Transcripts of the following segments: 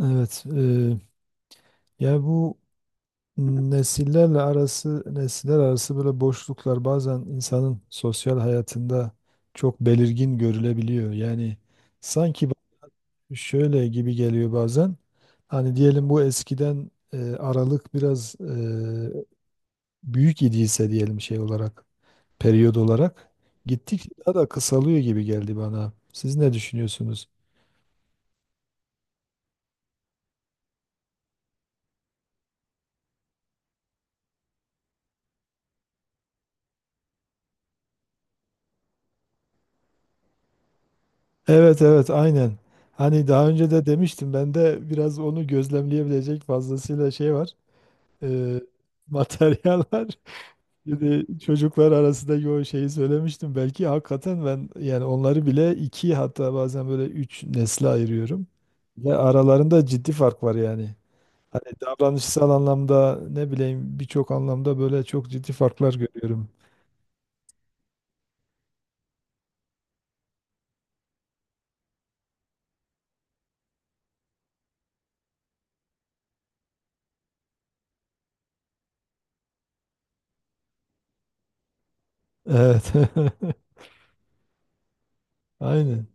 Evet, yani bu nesiller arası böyle boşluklar bazen insanın sosyal hayatında çok belirgin görülebiliyor. Yani sanki ba- şöyle gibi geliyor bazen. Hani diyelim bu eskiden aralık biraz büyük idiyse diyelim şey olarak, periyod olarak gittikçe daha da kısalıyor gibi geldi bana. Siz ne düşünüyorsunuz? Evet evet aynen. Hani daha önce de demiştim ben de biraz onu gözlemleyebilecek fazlasıyla şey var. E, Materyal var. Şimdi çocuklar arasındaki o şeyi söylemiştim. Belki hakikaten ben yani onları bile iki hatta bazen böyle üç nesle ayırıyorum. Ve aralarında ciddi fark var yani. Hani davranışsal anlamda ne bileyim birçok anlamda böyle çok ciddi farklar görüyorum. Evet. Aynen.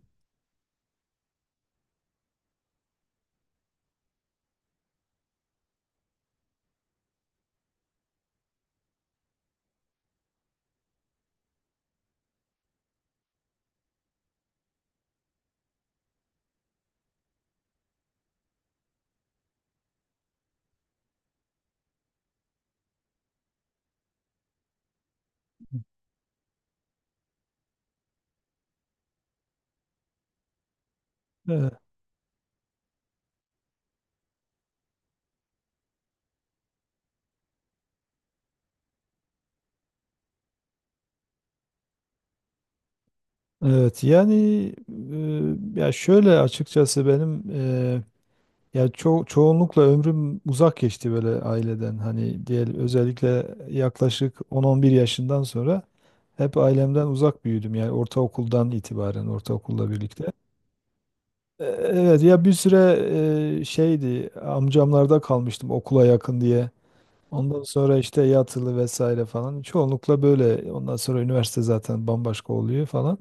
Evet yani ya şöyle açıkçası benim ya çoğunlukla ömrüm uzak geçti böyle aileden hani diyelim özellikle yaklaşık 10-11 yaşından sonra hep ailemden uzak büyüdüm yani ortaokuldan itibaren ortaokulla birlikte. Evet ya bir süre şeydi amcamlarda kalmıştım okula yakın diye. Ondan sonra işte yatılı vesaire falan çoğunlukla böyle ondan sonra üniversite zaten bambaşka oluyor falan.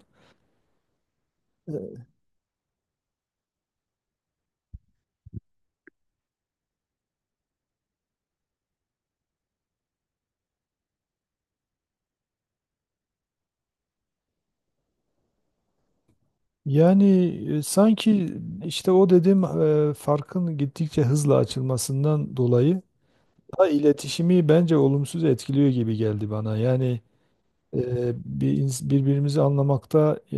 Yani sanki işte o dediğim farkın gittikçe hızla açılmasından dolayı da iletişimi bence olumsuz etkiliyor gibi geldi bana. Yani e, birbirimizi anlamakta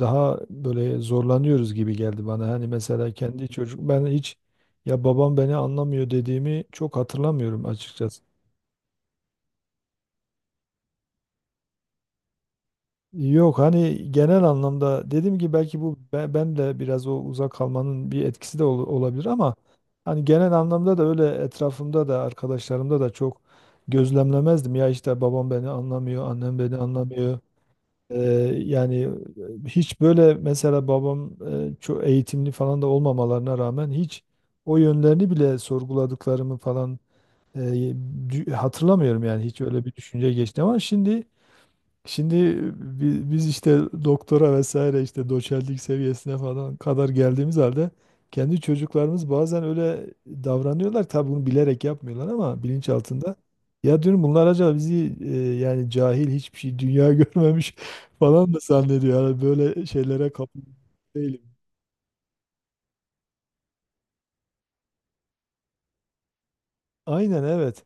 daha böyle zorlanıyoruz gibi geldi bana. Hani mesela kendi çocuk ben hiç ya babam beni anlamıyor dediğimi çok hatırlamıyorum açıkçası. Yok hani genel anlamda dedim ki belki ben, de biraz o uzak kalmanın bir etkisi de olabilir ama hani genel anlamda da öyle etrafımda da arkadaşlarımda da çok gözlemlemezdim. Ya işte babam beni anlamıyor, annem beni anlamıyor. Ee, yani hiç böyle mesela babam çok eğitimli falan da olmamalarına rağmen hiç o yönlerini bile sorguladıklarımı falan e, hatırlamıyorum yani hiç öyle bir düşünce geçti ama Şimdi biz işte doktora vesaire işte doçentlik seviyesine falan kadar geldiğimiz halde kendi çocuklarımız bazen öyle davranıyorlar. Tabii bunu bilerek yapmıyorlar ama bilinç altında. Ya diyorum bunlar acaba bizi yani cahil hiçbir şey dünya görmemiş falan mı zannediyor? Yani böyle şeylere kapılmış değilim. Aynen evet.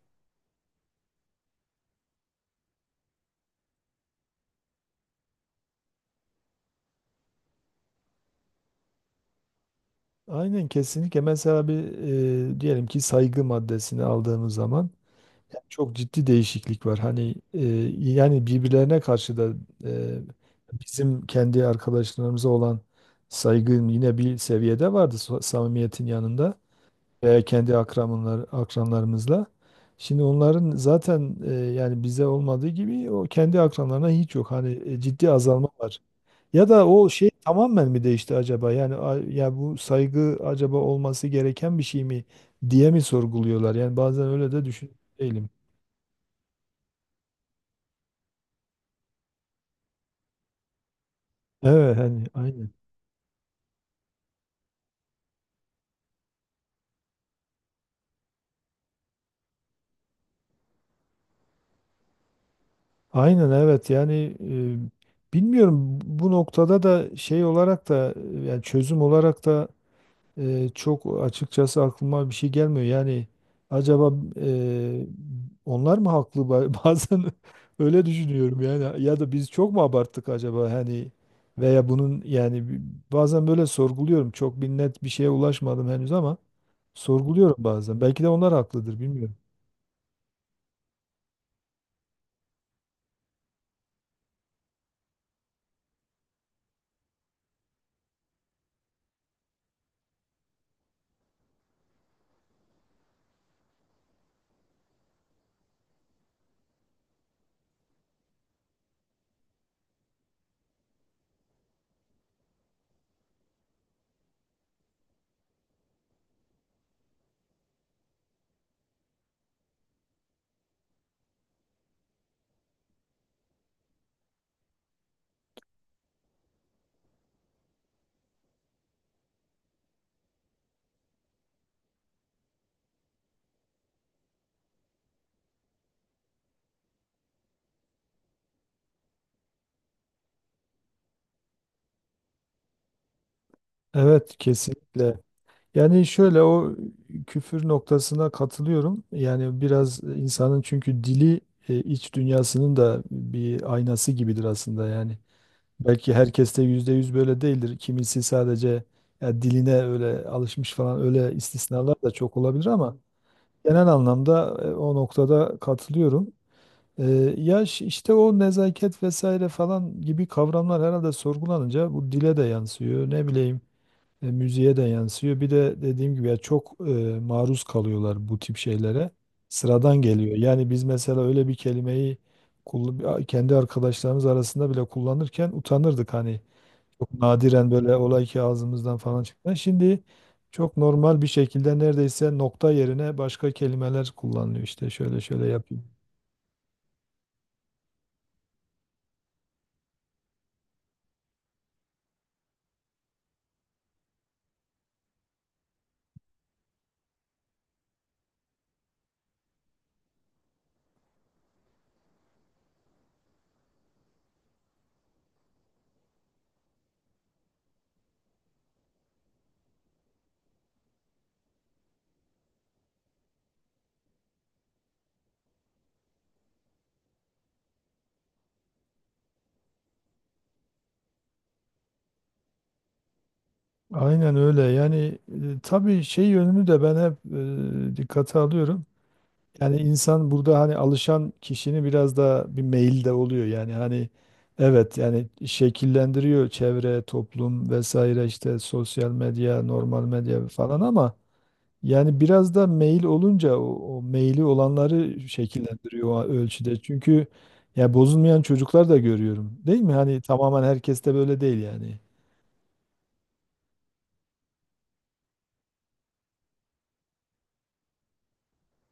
Aynen kesinlikle. Mesela bir diyelim ki saygı maddesini aldığımız zaman yani çok ciddi değişiklik var. Hani yani birbirlerine karşı da e, bizim kendi arkadaşlarımıza olan saygın yine bir seviyede vardı samimiyetin yanında veya akranlarımızla. Şimdi onların zaten yani bize olmadığı gibi o kendi akranlarına hiç yok. Hani ciddi azalma var. Ya da o şey tamamen mi değişti acaba? Yani ya bu saygı acaba olması gereken bir şey mi diye mi sorguluyorlar? Yani bazen öyle de düşün değilim. Evet hani aynen. Aynen evet yani bilmiyorum bu noktada da şey olarak da yani çözüm olarak da çok açıkçası aklıma bir şey gelmiyor. Yani acaba e, onlar mı haklı bazen öyle düşünüyorum yani ya da biz çok mu abarttık acaba hani veya bunun yani bazen böyle sorguluyorum. Çok bir net bir şeye ulaşmadım henüz ama sorguluyorum bazen. Belki de onlar haklıdır bilmiyorum. Evet kesinlikle. Yani şöyle o küfür noktasına katılıyorum. Yani biraz insanın çünkü dili iç dünyasının da bir aynası gibidir aslında yani. Belki herkes de yüzde yüz böyle değildir. Kimisi sadece ya diline öyle alışmış falan öyle istisnalar da çok olabilir ama genel anlamda o noktada katılıyorum. E, Yaş işte o nezaket vesaire falan gibi kavramlar herhalde sorgulanınca bu dile de yansıyor. Ne bileyim müziğe de yansıyor. Bir de dediğim gibi ya çok maruz kalıyorlar bu tip şeylere. Sıradan geliyor. Yani biz mesela öyle bir kelimeyi kendi arkadaşlarımız arasında bile kullanırken utanırdık hani. Çok nadiren böyle olay ki ağzımızdan falan çıktı. Şimdi çok normal bir şekilde neredeyse nokta yerine başka kelimeler kullanılıyor. İşte şöyle şöyle yapayım. Aynen öyle. Yani tabii şey yönünü de ben hep dikkate alıyorum. Yani insan burada hani alışan kişinin biraz da bir meyil de oluyor. Yani hani evet yani şekillendiriyor çevre, toplum vesaire işte sosyal medya, normal medya falan ama yani biraz da meyil olunca o meyili olanları şekillendiriyor o ölçüde. Çünkü ya bozulmayan çocuklar da görüyorum. Değil mi? Hani tamamen herkes de böyle değil yani.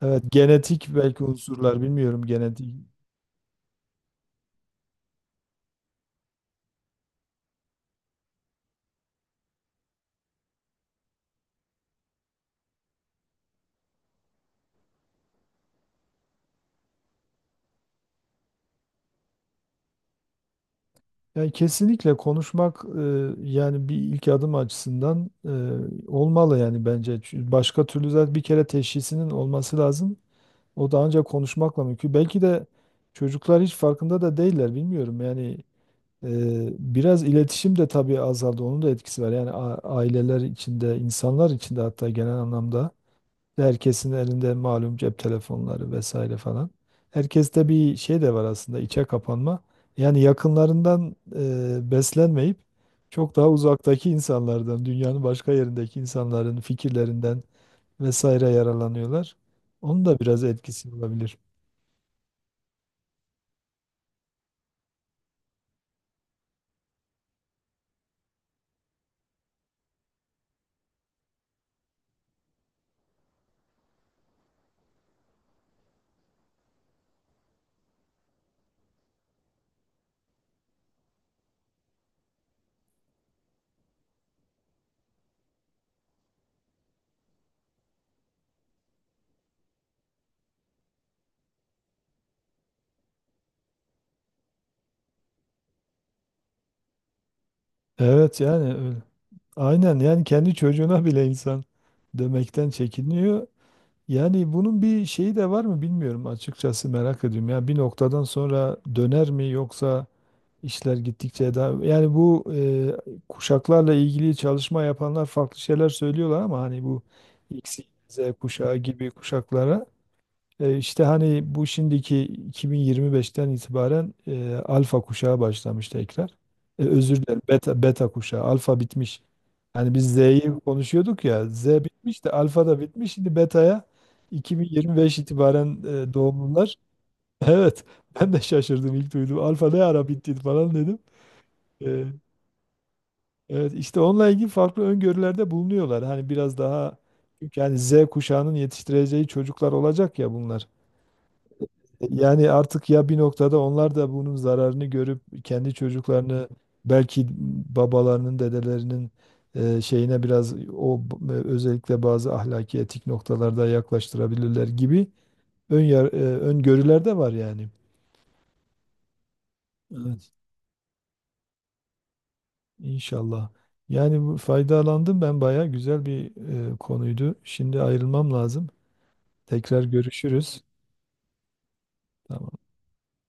Evet genetik belki unsurlar bilmiyorum genetik. Yani kesinlikle konuşmak yani bir ilk adım açısından olmalı yani bence. Çünkü başka türlü zaten bir kere teşhisinin olması lazım. O da ancak konuşmakla mümkün. Belki de çocuklar hiç farkında da değiller bilmiyorum. Yani e, biraz iletişim de tabii azaldı. Onun da etkisi var. Yani aileler içinde, insanlar içinde hatta genel anlamda. Herkesin elinde malum cep telefonları vesaire falan. Herkeste bir şey de var aslında içe kapanma. Yani yakınlarından beslenmeyip çok daha uzaktaki insanlardan, dünyanın başka yerindeki insanların fikirlerinden vesaire yararlanıyorlar. Onun da biraz etkisi olabilir. Evet yani öyle. Aynen yani kendi çocuğuna bile insan demekten çekiniyor. Yani bunun bir şeyi de var mı bilmiyorum açıkçası merak ediyorum. Ya bir noktadan sonra döner mi yoksa İşler gittikçe daha yani bu kuşaklarla ilgili çalışma yapanlar farklı şeyler söylüyorlar ama hani bu X, Y, Z kuşağı gibi kuşaklara işte hani bu şimdiki 2025'ten itibaren alfa kuşağı başlamış tekrar. Özür dilerim beta kuşağı alfa bitmiş. Yani biz Z'yi konuşuyorduk ya Z bitmiş de alfa da bitmiş şimdi betaya 2025 itibaren doğumlular. Evet ben de şaşırdım ilk duydum alfa ne ara bitti falan dedim. Ee, Evet işte onunla ilgili farklı öngörülerde bulunuyorlar. Hani biraz daha çünkü yani Z kuşağının yetiştireceği çocuklar olacak ya bunlar. Yani artık ya bir noktada onlar da bunun zararını görüp kendi çocuklarını belki babalarının, dedelerinin şeyine biraz özellikle bazı ahlaki etik noktalarda yaklaştırabilirler gibi öngörüler de var yani. Evet. İnşallah. Yani bu faydalandım ben bayağı güzel bir konuydu. Şimdi ayrılmam lazım. Tekrar görüşürüz. Tamam.